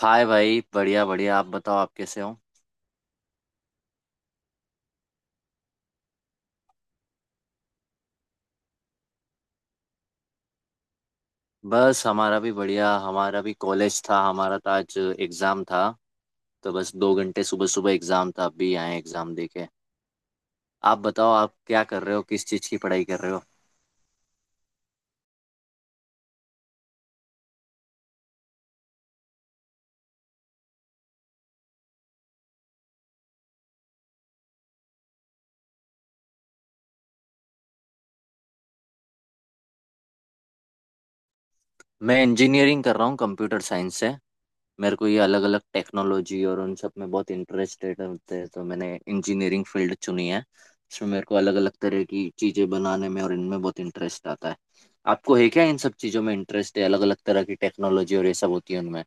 हाय भाई, बढ़िया बढ़िया। आप बताओ, आप कैसे हो? बस, हमारा भी बढ़िया। हमारा भी कॉलेज था। हमारा तो आज एग्ज़ाम था, तो बस 2 घंटे सुबह सुबह एग्ज़ाम था। अभी आए एग्ज़ाम दे के। आप बताओ, आप क्या कर रहे हो? किस चीज़ की पढ़ाई कर रहे हो? मैं इंजीनियरिंग कर रहा हूँ कंप्यूटर साइंस से। मेरे को ये अलग अलग टेक्नोलॉजी और उन सब में बहुत इंटरेस्टेड होते हैं, तो मैंने इंजीनियरिंग फील्ड चुनी है। इसमें मेरे को अलग अलग तरह की चीज़ें बनाने में और इनमें बहुत इंटरेस्ट आता है। आपको है क्या इन सब चीज़ों में इंटरेस्ट? है अलग अलग तरह की टेक्नोलॉजी और ये सब होती है उनमें।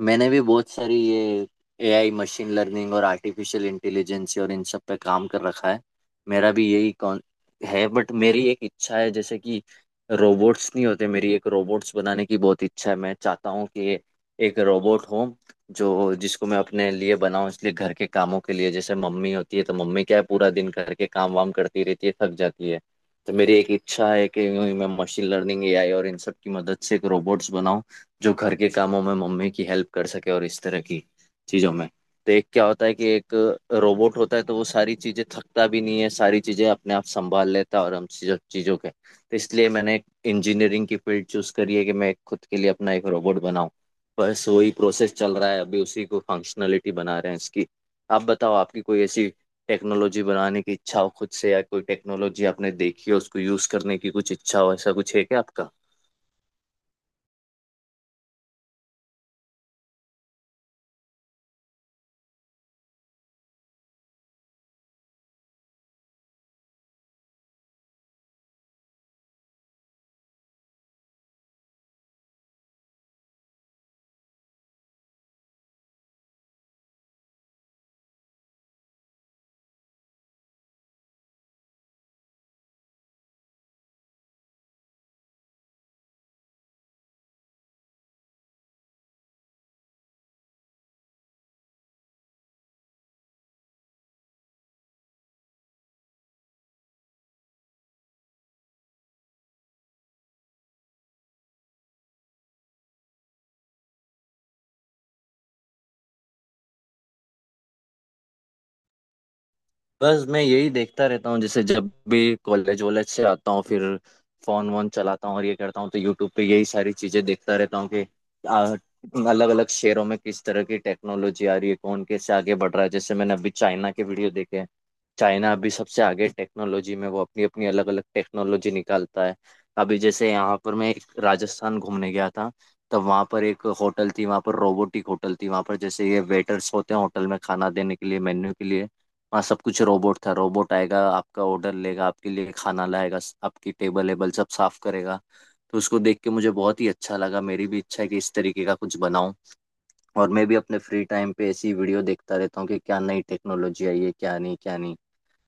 मैंने भी बहुत सारी ये एआई, मशीन लर्निंग और आर्टिफिशियल इंटेलिजेंस और इन सब पे काम कर रखा है। मेरा भी यही कौन है, बट मेरी एक इच्छा है, जैसे कि रोबोट्स नहीं होते, मेरी एक रोबोट्स बनाने की बहुत इच्छा है। मैं चाहता हूँ कि एक रोबोट हो जो जिसको मैं अपने लिए बनाऊं, इसलिए घर के कामों के लिए। जैसे मम्मी होती है, तो मम्मी क्या है, पूरा दिन घर के काम वाम करती रहती है, थक जाती है। तो मेरी एक इच्छा है कि यूं ही मैं मशीन लर्निंग, एआई और इन सब की मदद से एक रोबोट्स बनाऊं जो घर के कामों में मम्मी की हेल्प कर सके और इस तरह की चीजों में। तो एक क्या होता है कि एक रोबोट होता है, तो वो सारी चीजें, थकता भी नहीं है, सारी चीजें अपने आप संभाल लेता है और हम चीजों चीजों के। तो इसलिए मैंने एक इंजीनियरिंग की फील्ड चूज करी है कि मैं खुद के लिए अपना एक रोबोट बनाऊं। बस वही प्रोसेस चल रहा है अभी, उसी को फंक्शनलिटी बना रहे हैं इसकी। आप बताओ, आपकी कोई ऐसी टेक्नोलॉजी बनाने की इच्छा हो खुद से, या कोई टेक्नोलॉजी आपने देखी हो उसको यूज करने की कुछ इच्छा हो, ऐसा कुछ है क्या आपका? बस मैं यही देखता रहता हूँ। जैसे जब भी कॉलेज वॉलेज से आता हूँ, फिर फोन वोन चलाता हूँ और ये करता हूँ, तो यूट्यूब पे यही सारी चीजें देखता रहता हूँ कि अलग अलग शहरों में किस तरह की टेक्नोलॉजी आ रही है, कौन कैसे आगे बढ़ रहा है। जैसे मैंने अभी चाइना के वीडियो देखे हैं। चाइना अभी सबसे आगे टेक्नोलॉजी में, वो अपनी अपनी अलग अलग टेक्नोलॉजी निकालता है। अभी जैसे यहाँ पर, मैं एक राजस्थान घूमने गया था, तब वहाँ पर एक होटल थी, वहाँ पर रोबोटिक होटल थी। वहाँ पर जैसे ये वेटर्स होते हैं होटल में, खाना देने के लिए, मेन्यू के लिए, हाँ, सब कुछ रोबोट था। रोबोट आएगा, आपका ऑर्डर लेगा, आपके लिए खाना लाएगा, आपकी टेबल वेबल सब साफ करेगा। तो उसको देख के मुझे बहुत ही अच्छा लगा। मेरी भी इच्छा है कि इस तरीके का कुछ बनाऊं। और मैं भी अपने फ्री टाइम पे ऐसी वीडियो देखता रहता हूँ कि क्या नई टेक्नोलॉजी आई है, क्या नहीं, क्या नहीं,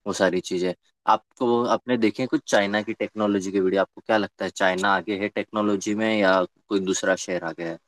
वो सारी चीजें। आपको, आपने देखे हैं कुछ चाइना की टेक्नोलॉजी की वीडियो? आपको क्या लगता है, चाइना आगे है टेक्नोलॉजी में या कोई दूसरा शहर आगे है?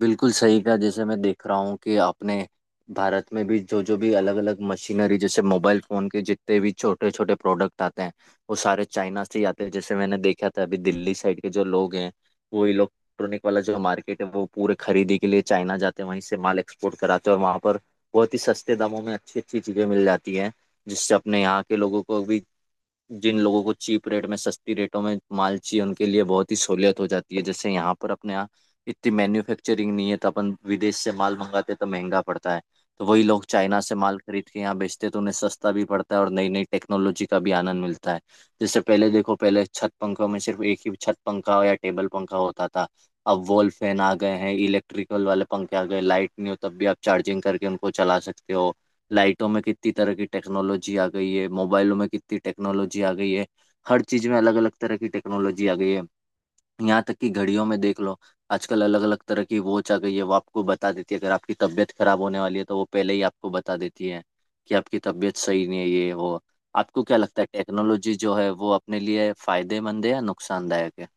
बिल्कुल सही कहा। जैसे मैं देख रहा हूँ कि आपने, भारत में भी जो जो भी अलग अलग मशीनरी, जैसे मोबाइल फोन के जितने भी छोटे छोटे प्रोडक्ट आते हैं, वो सारे चाइना से ही आते हैं। जैसे मैंने देखा था, अभी दिल्ली साइड के जो लोग हैं, वो इलेक्ट्रॉनिक वाला जो मार्केट है, वो पूरे खरीदी के लिए चाइना जाते हैं, वहीं से माल एक्सपोर्ट कराते हैं। और वहाँ पर बहुत ही सस्ते दामों में अच्छी अच्छी चीज़ें मिल जाती हैं, जिससे अपने यहाँ के लोगों को भी, जिन लोगों को चीप रेट में, सस्ती रेटों में माल चाहिए, उनके लिए बहुत ही सहूलियत हो जाती है। जैसे यहाँ पर, अपने यहाँ इतनी मैन्युफैक्चरिंग नहीं है, तो अपन विदेश से माल मंगाते तो महंगा पड़ता है। तो वही लोग चाइना से माल खरीद के यहाँ बेचते, तो उन्हें सस्ता भी पड़ता है और नई नई टेक्नोलॉजी का भी आनंद मिलता है। जैसे पहले देखो, पहले छत पंखों में सिर्फ एक ही छत पंखा या टेबल पंखा होता था। अब वॉल फैन आ गए हैं, इलेक्ट्रिकल वाले पंखे आ गए, लाइट नहीं हो तब भी आप चार्जिंग करके उनको चला सकते हो। लाइटों में कितनी तरह की टेक्नोलॉजी आ गई है, मोबाइलों में कितनी टेक्नोलॉजी आ गई है, हर चीज में अलग अलग तरह की टेक्नोलॉजी आ गई है। यहाँ तक कि घड़ियों में देख लो, आजकल अलग अलग तरह की वॉच आ गई है। वो आपको बता देती है, अगर आपकी तबीयत खराब होने वाली है तो वो पहले ही आपको बता देती है कि आपकी तबीयत सही नहीं है, ये वो। आपको क्या लगता है, टेक्नोलॉजी जो है वो अपने लिए फायदेमंद है या नुकसानदायक है?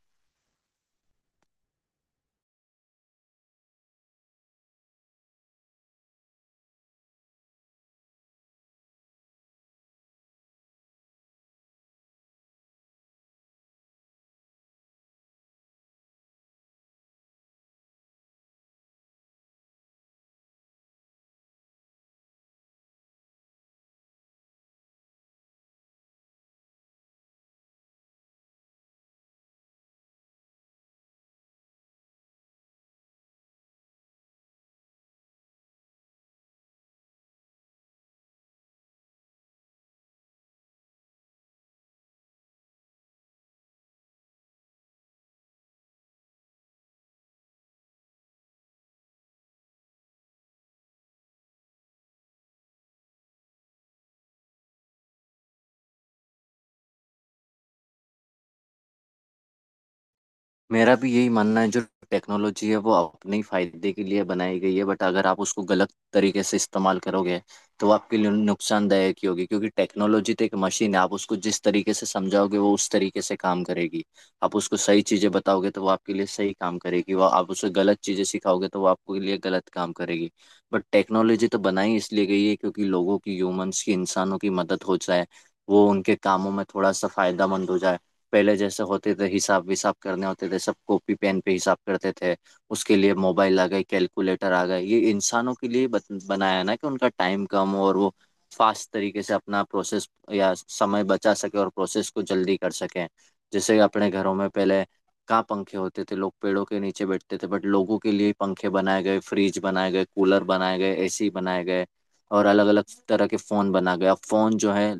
मेरा भी यही मानना है, जो टेक्नोलॉजी है वो अपने ही फायदे के लिए बनाई गई है। बट अगर आप उसको गलत तरीके से इस्तेमाल करोगे तो वो आपके लिए नुकसानदायक ही होगी, क्योंकि टेक्नोलॉजी तो एक मशीन है, आप उसको जिस तरीके से समझाओगे वो उस तरीके से काम करेगी। आप उसको सही चीज़ें बताओगे तो वो आपके लिए सही काम करेगी, वो आप उसे गलत चीज़ें सिखाओगे तो वो आपके लिए गलत काम करेगी। बट टेक्नोलॉजी तो बनाई इसलिए गई है क्योंकि लोगों की, ह्यूमंस की, इंसानों की मदद हो जाए, वो उनके कामों में थोड़ा सा फायदा मंद हो जाए। पहले जैसे होते थे, हिसाब विसाब करने होते थे, सब कॉपी पेन पे हिसाब करते थे, उसके लिए मोबाइल आ गए, कैलकुलेटर आ गए। ये इंसानों के लिए बनाया है ना, कि उनका टाइम कम और वो फास्ट तरीके से अपना प्रोसेस, या समय बचा सके और प्रोसेस को जल्दी कर सकें। जैसे अपने घरों में पहले कहाँ पंखे होते थे, लोग पेड़ों के नीचे बैठते थे, बट लोगों के लिए पंखे बनाए गए, फ्रिज बनाए गए, कूलर बनाए गए, एसी बनाए गए, और अलग अलग तरह के फ़ोन बना गए। अब फ़ोन जो है,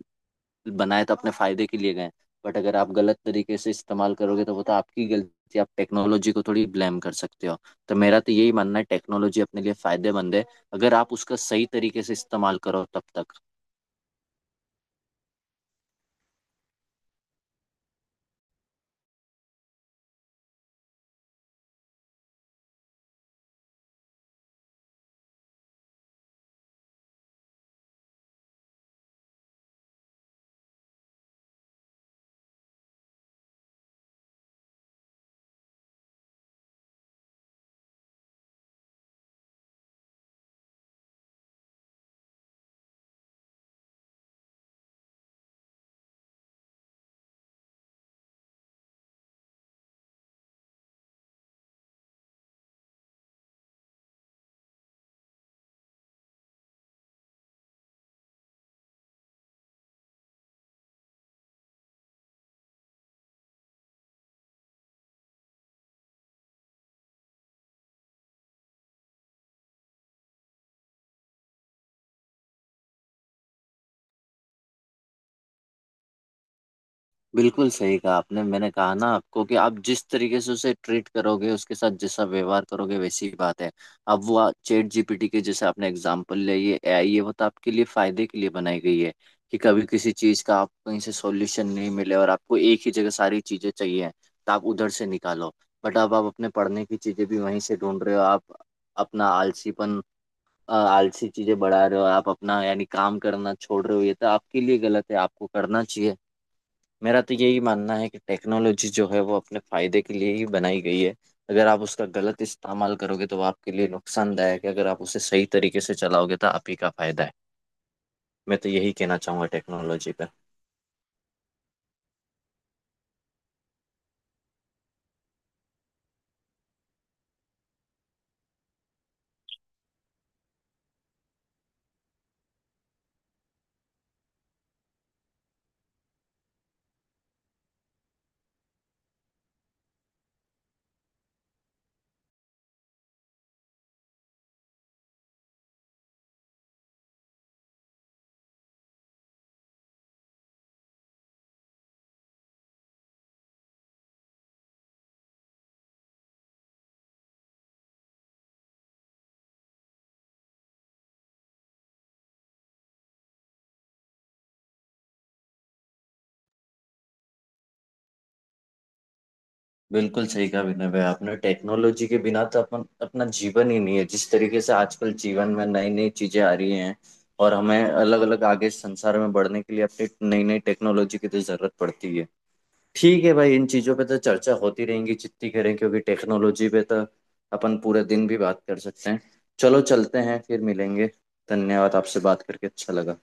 बनाए तो अपने फायदे के लिए गए, बट अगर आप गलत तरीके से इस्तेमाल करोगे तो वो तो आपकी गलती, आप टेक्नोलॉजी को थोड़ी ब्लेम कर सकते हो। तो मेरा तो यही मानना है, टेक्नोलॉजी अपने लिए फायदेमंद है अगर आप उसका सही तरीके से इस्तेमाल करो, तब तक। बिल्कुल सही कहा आपने। मैंने कहा ना आपको कि आप जिस तरीके से उसे ट्रीट करोगे, उसके साथ जैसा व्यवहार करोगे, वैसी ही बात है। अब वो चैट जीपीटी के जैसे आपने एग्जांपल लिया, ये एआई, ये वो तो आपके लिए फायदे के लिए बनाई गई है कि कभी किसी चीज का आपको कहीं से सॉल्यूशन नहीं मिले और आपको एक ही जगह सारी चीजें चाहिए तो आप उधर से निकालो। बट अब आप अपने पढ़ने की चीजें भी वहीं से ढूंढ रहे हो, आप अपना आलसीपन, आलसी चीजें बढ़ा रहे हो, आप अपना यानी काम करना छोड़ रहे हो, ये तो आपके लिए गलत है, आपको करना चाहिए। मेरा तो यही मानना है कि टेक्नोलॉजी जो है वो अपने फायदे के लिए ही बनाई गई है। अगर आप उसका गलत इस्तेमाल करोगे तो वो आपके लिए नुकसानदायक है, अगर आप उसे सही तरीके से चलाओगे तो आप ही का फायदा है। मैं तो यही कहना चाहूंगा टेक्नोलॉजी पर। बिल्कुल सही कहा विनय भाई आपने। टेक्नोलॉजी के बिना तो अपन अपना जीवन ही नहीं है, जिस तरीके से आजकल जीवन में नई नई चीजें आ रही हैं, और हमें अलग अलग आगे संसार में बढ़ने के लिए अपनी नई नई टेक्नोलॉजी की तो जरूरत पड़ती है। ठीक है भाई, इन चीज़ों पे तो चर्चा होती रहेंगी जितनी करें, क्योंकि टेक्नोलॉजी पे तो अपन पूरे दिन भी बात कर सकते हैं। चलो, चलते हैं, फिर मिलेंगे। धन्यवाद, आपसे बात करके अच्छा लगा।